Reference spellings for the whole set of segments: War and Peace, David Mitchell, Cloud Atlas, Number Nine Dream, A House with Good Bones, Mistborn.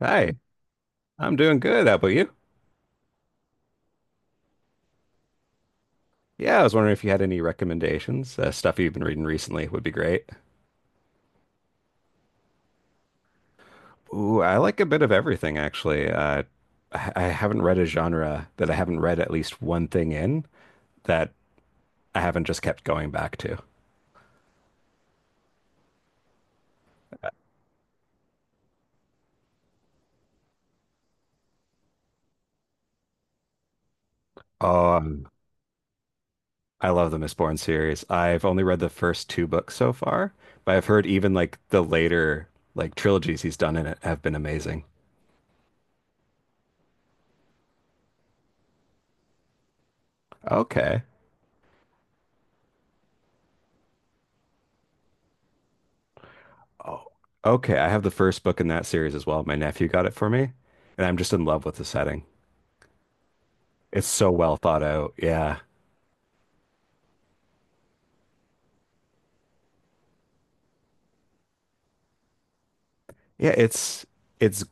Hi, I'm doing good. How about you? Yeah, I was wondering if you had any recommendations. Stuff you've been reading recently would be great. Ooh, I like a bit of everything, actually. I haven't read a genre that I haven't read at least one thing in that I haven't just kept going back to. Oh, um, I love the Mistborn series. I've only read the first two books so far, but I've heard even like the later like trilogies he's done in it have been amazing. Okay. Oh, okay. I have the first book in that series as well. My nephew got it for me, and I'm just in love with the setting. It's so well thought out. Yeah. Yeah, it's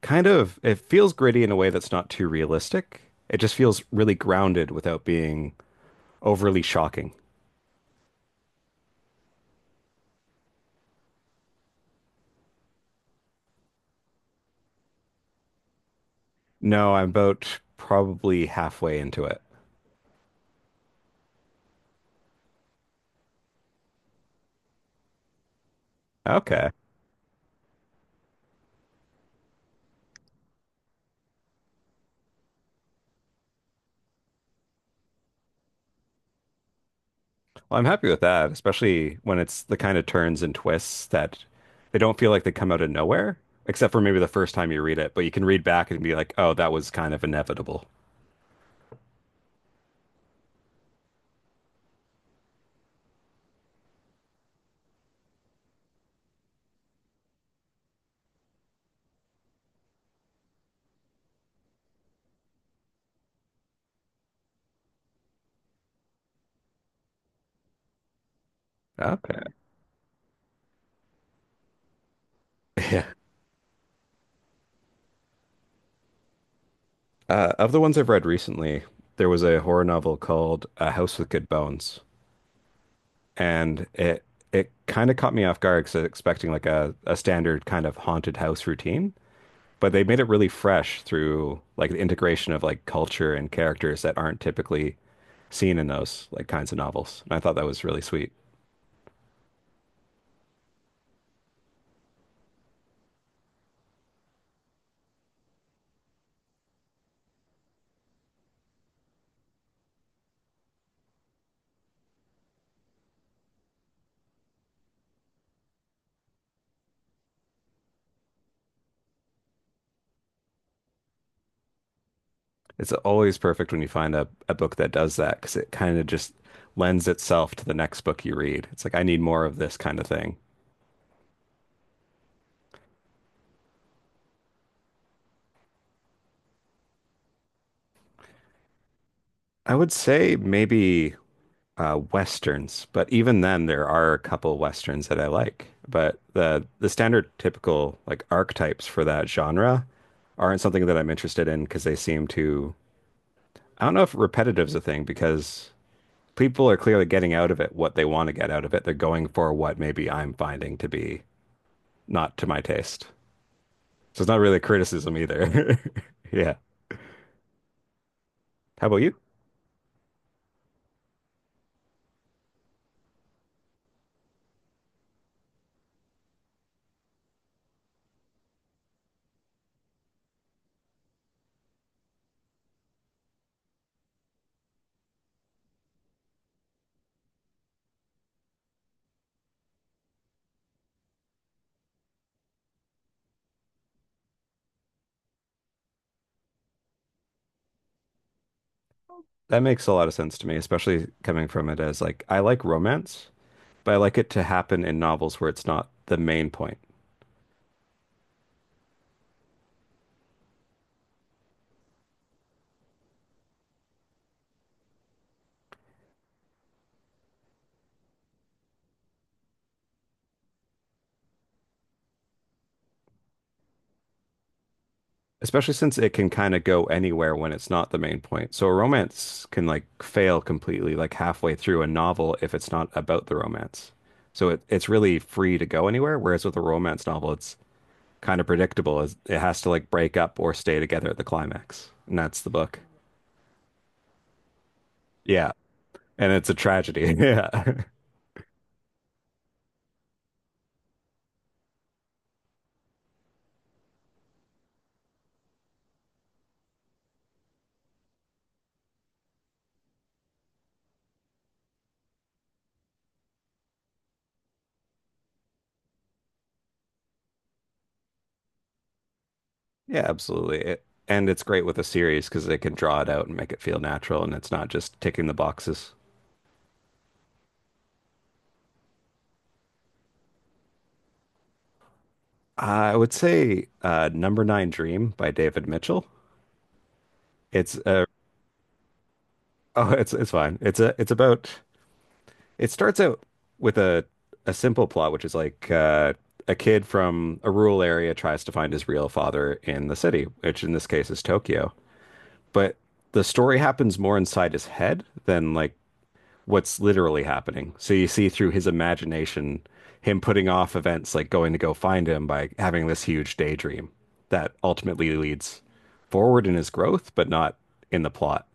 kind of it feels gritty in a way that's not too realistic. It just feels really grounded without being overly shocking. No, I'm about probably halfway into it. Okay. Well, I'm happy with that, especially when it's the kind of turns and twists that they don't feel like they come out of nowhere, except for maybe the first time you read it, but you can read back and be like, oh, that was kind of inevitable. Okay. Of the ones I've read recently, there was a horror novel called A House with Good Bones, and it kind of caught me off guard because I was expecting like a standard kind of haunted house routine, but they made it really fresh through like the integration of like culture and characters that aren't typically seen in those like kinds of novels. And I thought that was really sweet. It's always perfect when you find a book that does that because it kind of just lends itself to the next book you read. It's like, I need more of this kind of thing. I would say maybe Westerns, but even then there are a couple Westerns that I like. But the standard typical like archetypes for that genre aren't something that I'm interested in because they seem too, I don't know if repetitive's a thing, because people are clearly getting out of it what they want to get out of it. They're going for what maybe I'm finding to be not to my taste. So it's not really a criticism either. Yeah. How about you? That makes a lot of sense to me, especially coming from it as like I like romance, but I like it to happen in novels where it's not the main point. Especially since it can kind of go anywhere when it's not the main point. So a romance can like fail completely like halfway through a novel if it's not about the romance. So it's really free to go anywhere, whereas with a romance novel, it's kind of predictable. It's- It has to like break up or stay together at the climax. And that's the book. Yeah. And it's a tragedy. Yeah. Yeah, absolutely. And it's great with a series because they can draw it out and make it feel natural and it's not just ticking the boxes. I would say Number Nine Dream by David Mitchell. It's uh— Oh, it's fine. It's about— it starts out with a simple plot, which is like a kid from a rural area tries to find his real father in the city, which in this case is Tokyo. But the story happens more inside his head than like what's literally happening. So you see through his imagination him putting off events like going to go find him by having this huge daydream that ultimately leads forward in his growth, but not in the plot.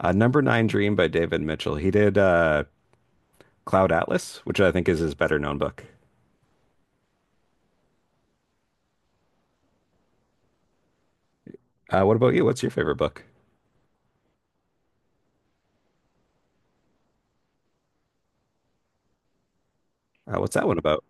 Number Nine Dream by David Mitchell. He did Cloud Atlas, which I think is his better known book. What about you? What's your favorite book? What's that one about?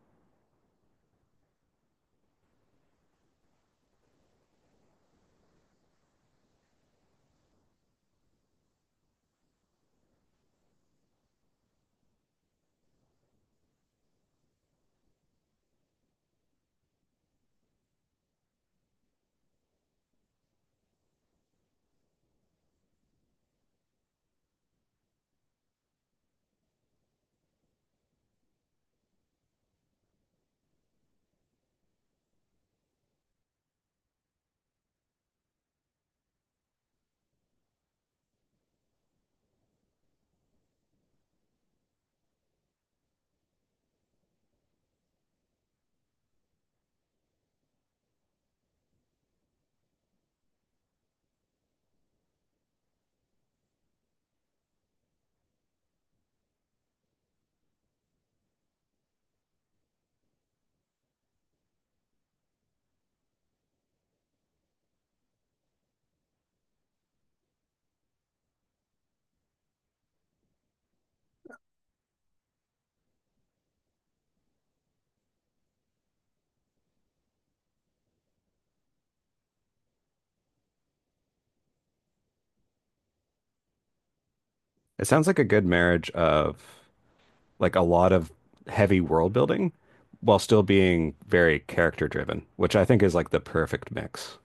It sounds like a good marriage of like a lot of heavy world building while still being very character driven, which I think is like the perfect mix.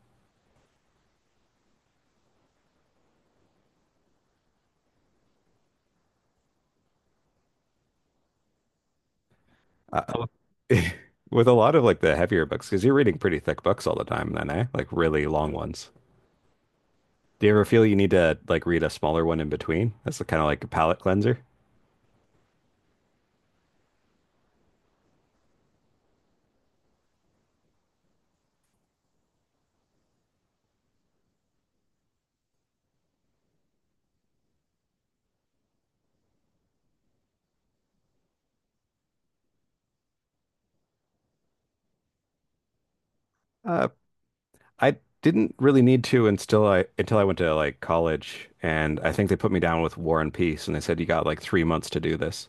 Uh, with a lot of like the heavier books, because you're reading pretty thick books all the time then, eh? Like really long ones. Do you ever feel you need to like read a smaller one in between? That's kind of like a palate cleanser. Uh, I didn't really need to until I went to like college, and I think they put me down with War and Peace, and they said you got like 3 months to do this.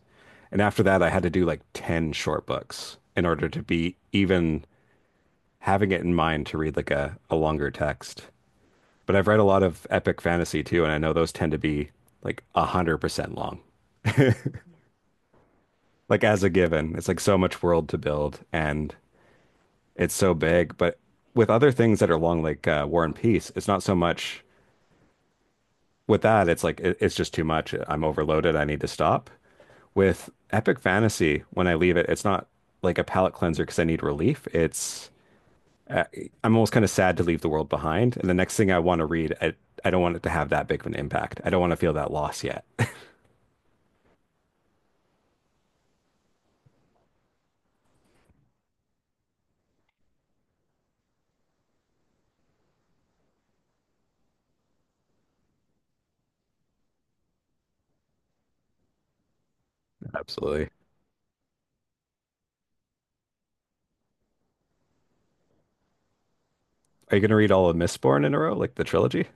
And after that, I had to do like 10 short books in order to be even having it in mind to read like a longer text. But I've read a lot of epic fantasy too, and I know those tend to be like 100% long. Like as a given, it's like so much world to build and it's so big. But with other things that are long, like War and Peace, it's not so much— with that, it's like it's just too much. I'm overloaded. I need to stop. With Epic Fantasy, when I leave it, it's not like a palate cleanser because I need relief. It's— I'm almost kind of sad to leave the world behind. And the next thing I want to read, I don't want it to have that big of an impact. I don't want to feel that loss yet. Absolutely. Are you going to read all of Mistborn in a row, like the trilogy?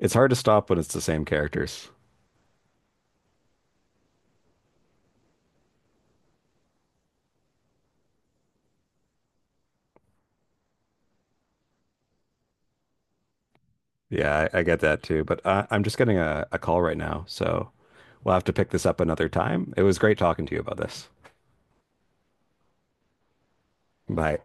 It's hard to stop when it's the same characters. Yeah, I get that too. But I'm just getting a call right now, so we'll have to pick this up another time. It was great talking to you about this. Bye.